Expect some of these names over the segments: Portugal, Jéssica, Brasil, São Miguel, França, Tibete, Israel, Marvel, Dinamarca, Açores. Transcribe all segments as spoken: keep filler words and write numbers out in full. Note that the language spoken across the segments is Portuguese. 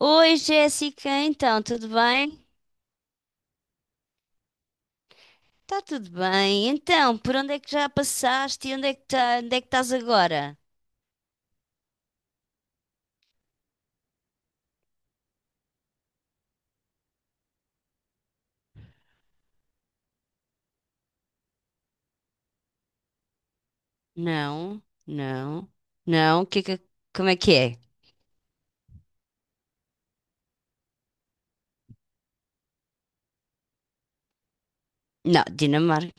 Oi, Jéssica, então, tudo bem? Tá tudo bem. Então, por onde é que já passaste e onde é que tá, onde é que estás agora? Não, não, não. Que, que- como é que é? Não, Dinamarca.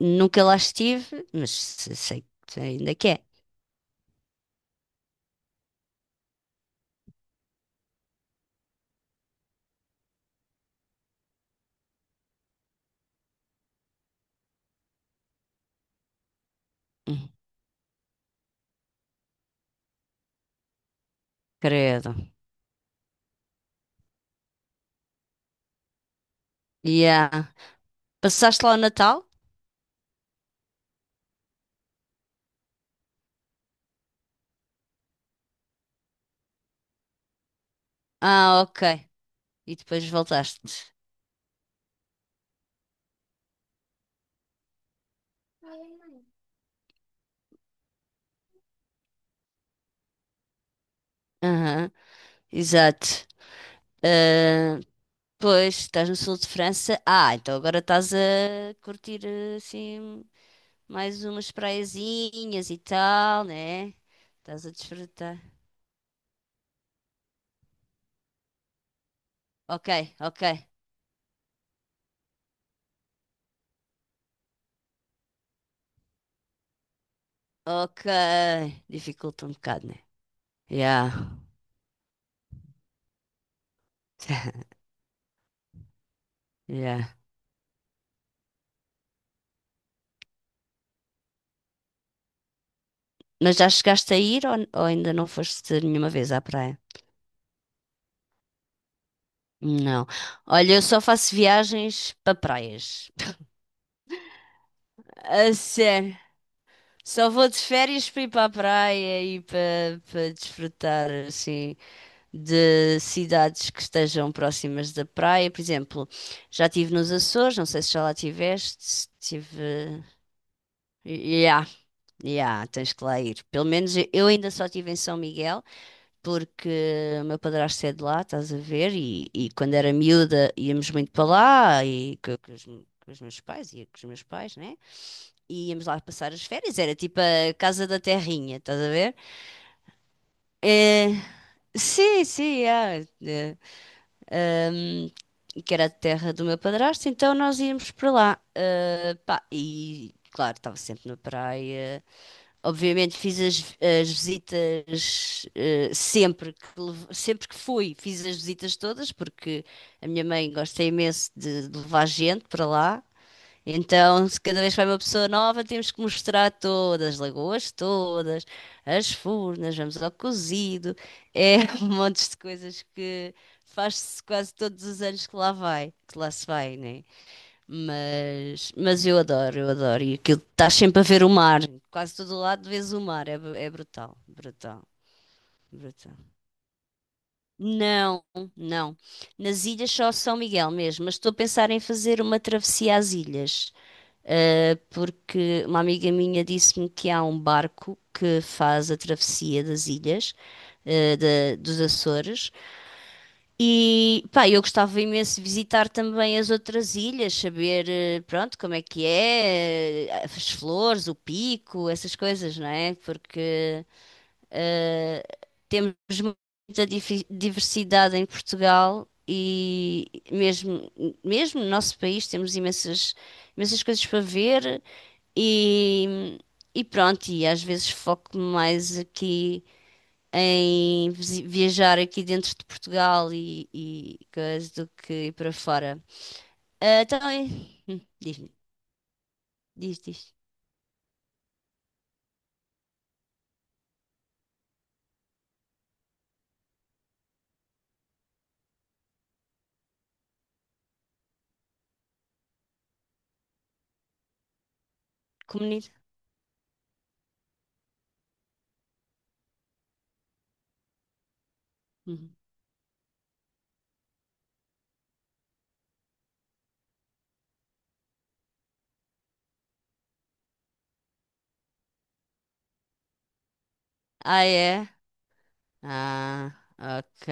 Nunca lá estive, mas se- sei que ainda que é. Hum. Credo. Yeah. Passaste lá o Natal? Ah, ok. E depois voltaste. Aham, exato. Ah, Pois, estás no sul de França. Ah, então agora estás a curtir assim mais umas praiazinhas e tal, né? Estás a desfrutar. Ok, ok, ok. Dificulta um bocado, né? Yeah, yeah. Mas já chegaste a ir ou, ou ainda não foste nenhuma vez à praia? Não. Olha, eu só faço viagens para praias. A sério. Só vou de férias para ir para a praia e para para desfrutar assim de cidades que estejam próximas da praia. Por exemplo, já estive nos Açores, não sei se já lá estiveste. Tive. Ya, ya, tens que lá ir. Pelo menos eu ainda só estive em São Miguel, porque o meu padrasto é de lá, estás a ver? E, e quando era miúda íamos muito para lá e co- com, os, com os meus pais, ia com os meus pais, né? E íamos lá passar as férias, era tipo a casa da terrinha, estás a ver? É, sim, sim, ya, é. ahm, que era a terra do meu padrasto, então nós íamos para lá. Ah, pá, e claro, estava sempre na praia. Obviamente fiz as, as visitas, ah, sempre que, lev- sempre que fui, fiz as visitas todas, porque a minha mãe gosta imenso de, de levar gente para lá. Então, se cada vez que vai uma pessoa nova, temos que mostrar todas, as lagoas todas, as furnas, vamos ao cozido, é um monte de coisas que faz-se quase todos os anos que lá vai, que lá se vai, né? Mas, mas eu adoro, eu adoro. E aquilo, estás sempre a ver o mar, quase todo o lado vês o mar, é, bru- é brutal, brutal. Brutal. Não, não. Nas ilhas só São Miguel mesmo, mas estou a pensar em fazer uma travessia às ilhas. Uh, porque uma amiga minha disse-me que há um barco que faz a travessia das ilhas, uh, da- dos Açores. E pá, eu gostava imenso de visitar também as outras ilhas, saber, eh, pronto, como é que é, eh, as flores, o pico, essas coisas, não é? Porque temos muita difi- diversidade em Portugal e mesmo, mesmo no nosso país temos imensas, imensas coisas para ver e, e pronto, e às vezes foco mais aqui em visi- viajar aqui dentro de Portugal e, e coisas do que ir para fora. Ah, Então, e- hum, diz-me, diz, diz. Comunidade? Uhum. Ah, é? Ah, ok.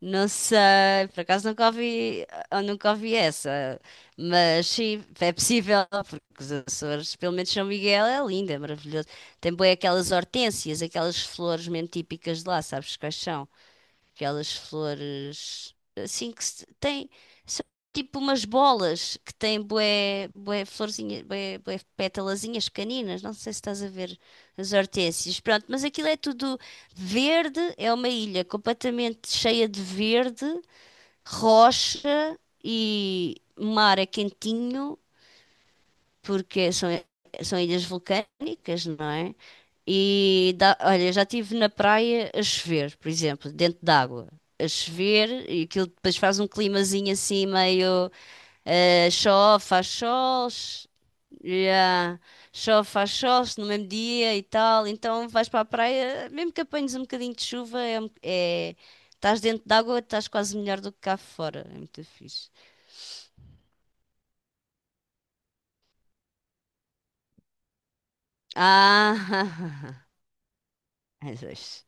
Não sei, por acaso nunca ouvi, eu nunca ouvi essa, mas sim, é possível, porque os Açores, pelo menos São Miguel, é lindo, é maravilhoso. Tem bem aquelas hortênsias, aquelas flores mesmo típicas de lá, sabes quais são? Aquelas flores assim que se- têm. São tipo umas bolas que têm bué, bué florzinhas, bué, bué pétalazinhas pequeninas. Não sei se estás a ver as hortênsias. Pronto, mas aquilo é tudo verde. É uma ilha completamente cheia de verde, rocha e mar é quentinho porque são, são ilhas vulcânicas, não é? E dá, olha, já estive na praia a chover, por exemplo, dentro d'água, a chover, e aquilo depois faz um climazinho assim meio eh, chove, faz sol, ch- Yeah, chove, faz sol no mesmo dia e tal. Então vais para a praia, mesmo que apanhes um bocadinho de chuva, é, um- é- estás dentro d'água, estás quase melhor do que cá fora. É muito fixe. Ah, às vezes.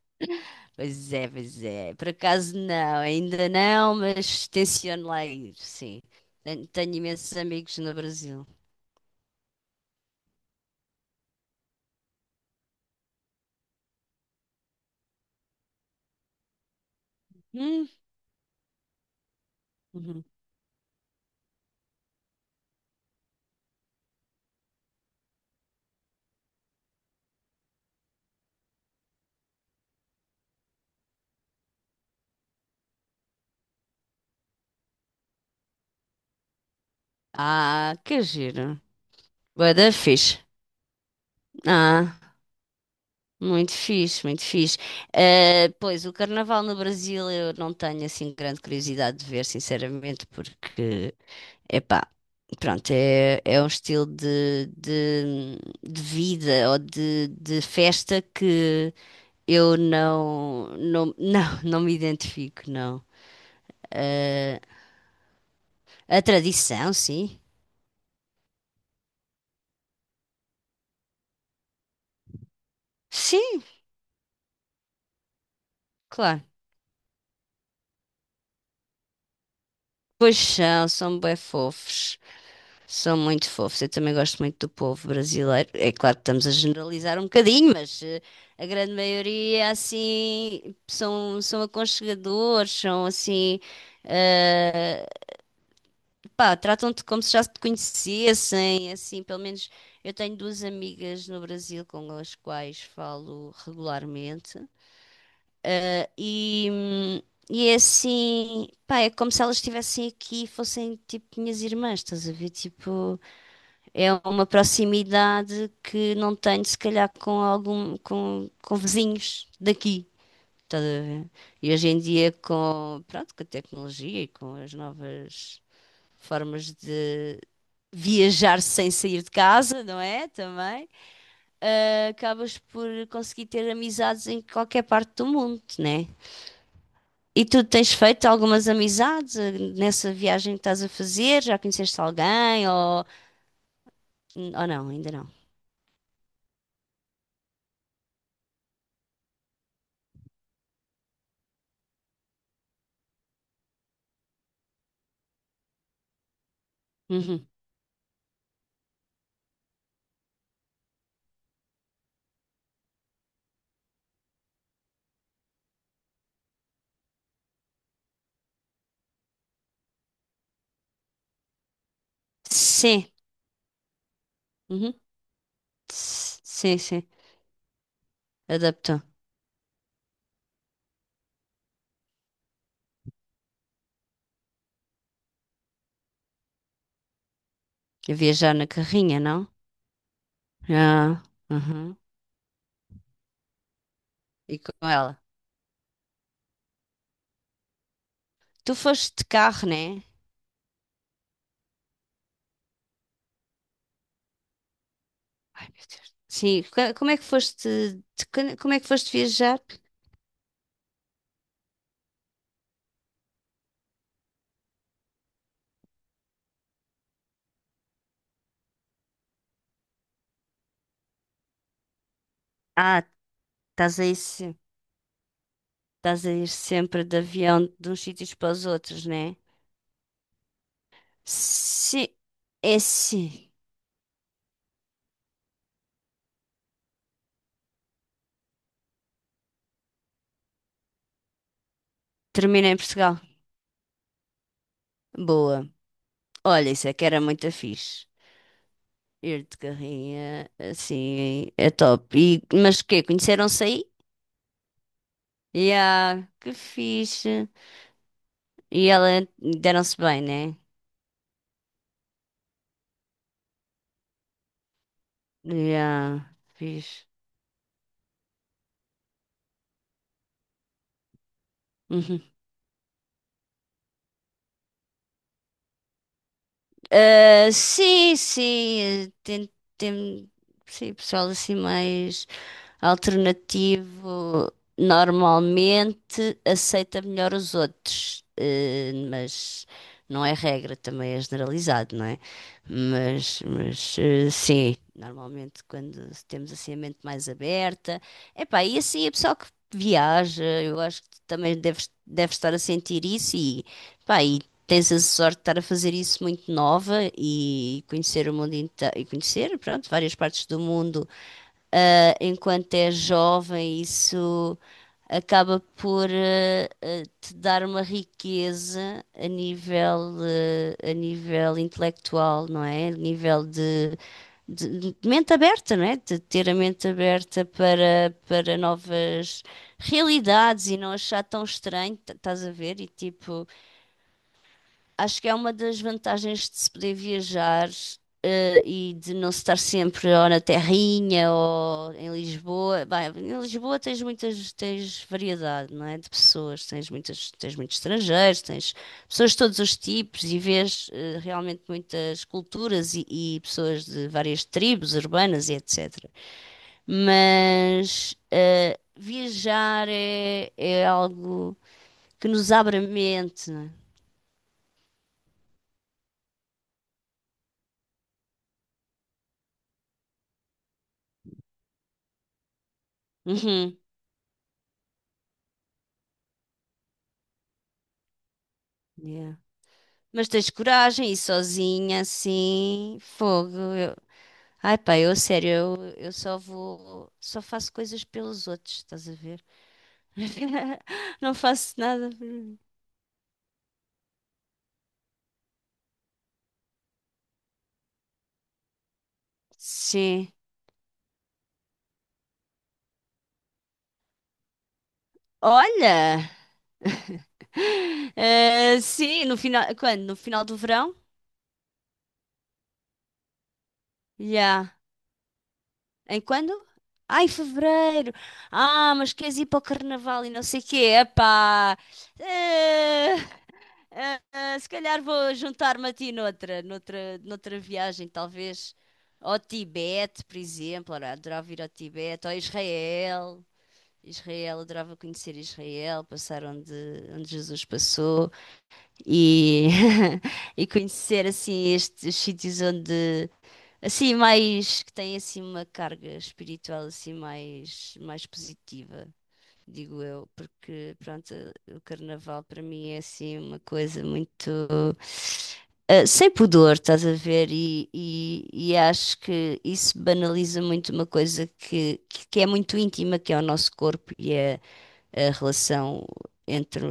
Pois é, pois é. Por acaso não, ainda não, mas tenciono lá ir, sim. Tenho, tenho imensos amigos no Brasil. Hum, uhum. Ah, que giro. Bué da fixe. Ah, muito fixe, muito fixe. Eh, pois, o carnaval no Brasil eu não tenho assim grande curiosidade de ver, sinceramente, porque, epá, pronto, é, é um estilo de, de, de vida ou de, de festa que eu não, não, não, não me identifico, não. Eh, a tradição, sim. Sim, claro. Pois são, são bem fofos. São muito fofos. Eu também gosto muito do povo brasileiro. É claro que estamos a generalizar um bocadinho, mas eh, a grande maioria, assim, são, são aconchegadores, são, assim, ah, pá, tratam-te como se já te conhecessem, assim, pelo menos eu tenho duas amigas no Brasil com as quais falo regularmente, eh, e, hum, e é assim, pá, é como se elas estivessem aqui e fossem tipo minhas irmãs, estás a ver? Tipo, é uma proximidade que não tenho se calhar com algum, com, com vizinhos daqui. Estás a ver? E hoje em dia com, pronto, com a tecnologia e com as novas formas viajar sem sair de casa, não é? Também. Ah, acabas por conseguir ter amizades em qualquer parte do mundo, né? E tu tens feito algumas amizades ah, nessa viagem que estás a fazer? Já conheceste alguém ou, ou não? Ainda não. Uhum. Sim. Uhum. S- Sim, sim. Adaptou. A viajar na carrinha, não? Ah, uhum. E com ela? Tu foste de carro, né? Ai, meu Deus. Sim, co- como é que foste, de- como é que foste viajar? Ah, estás aí, se- Estás a ir sempre de avião de uns sítios para os outros, né? Sim, é sim. Termina em Portugal. Boa. Olha, isso é que era muito fixe. Ir de carrinha, assim, é top. E, mas quê? Conheceram-se aí? Yeah, que fixe. E ela deram-se bem, né? Yeah, fixe. Uhum. Ah, sim, sim. eh, Tem, tem, sim, pessoal assim mais. Alternativo normalmente aceita melhor os outros, eh, mas não é regra, também é generalizado, não é? Mas, mas eh, sim, normalmente quando temos assim a mente mais aberta, epá, e assim a pessoa que viaja, eu acho que tu também deves, deves estar a sentir isso e, pá, e tens a sorte de estar a fazer isso muito nova e conhecer o mundo inteiro, e conhecer, pronto, várias partes do mundo ah, enquanto é jovem, isso acaba por ah, ah, te dar uma riqueza a nível, ah, a nível intelectual, não é? A nível de, de- de mente aberta, não é? De ter a mente aberta para, para novas realidades e não achar tão estranho, t- estás a ver? E tipo. Acho que é uma das vantagens de se poder viajar, eh, e de não se estar sempre ou na Terrinha ou em Lisboa. Bem, em Lisboa tens muitas, tens variedade, não é? De pessoas, tens muitas, tens muitos estrangeiros, tens pessoas de todos os tipos e vês, eh, realmente muitas culturas e, e pessoas de várias tribos urbanas e etcétera. Mas eh, viajar é, é algo que nos abre a mente. Não é? Uhum. Yeah. Mas tens coragem, e sozinha, assim, fogo. eu- Ai pá, eu a sério, eu, eu só vou, só faço coisas pelos outros, estás a ver? Não faço nada por mim. Sim. Olha! Eh, sim, no final, quando? No final do verão? Já. Em quando? Ah, em fevereiro. Ah, mas queres ir para o carnaval e não sei o quê. Epá. Eh, Ah, ah, se calhar vou juntar-me a ti noutra, noutra, noutra viagem, talvez ao Tibete, por exemplo. Ora, adorava ir ao Tibete, ou a Israel. Israel, adorava conhecer Israel, passar onde, onde Jesus passou e, e conhecer assim estes sítios onde assim mais que têm assim uma carga espiritual assim mais mais positiva digo eu, porque pronto, o carnaval para mim é assim uma coisa muito eh, sem pudor, estás a ver? E, e- e acho que isso banaliza muito uma coisa que, que, que é muito íntima, que é o nosso corpo e é a relação entre,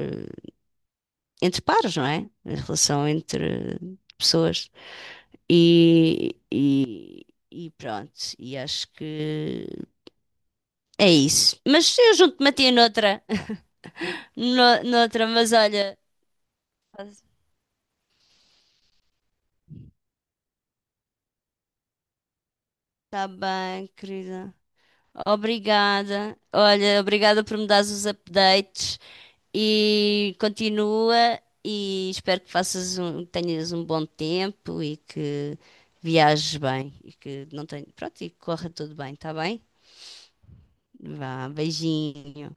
entre pares, não é? A relação entre pessoas. E, e, e pronto, e acho que é isso. Mas eu junto-me a ti noutra, no, noutra, mas olha. Tá bem, querida. Obrigada. Olha, obrigada por me dares os updates e continua e espero que faças um, tenhas um bom tempo e que viajes bem e que não tenha, pronto, e que corra tudo bem, tá bem? Vá, beijinho.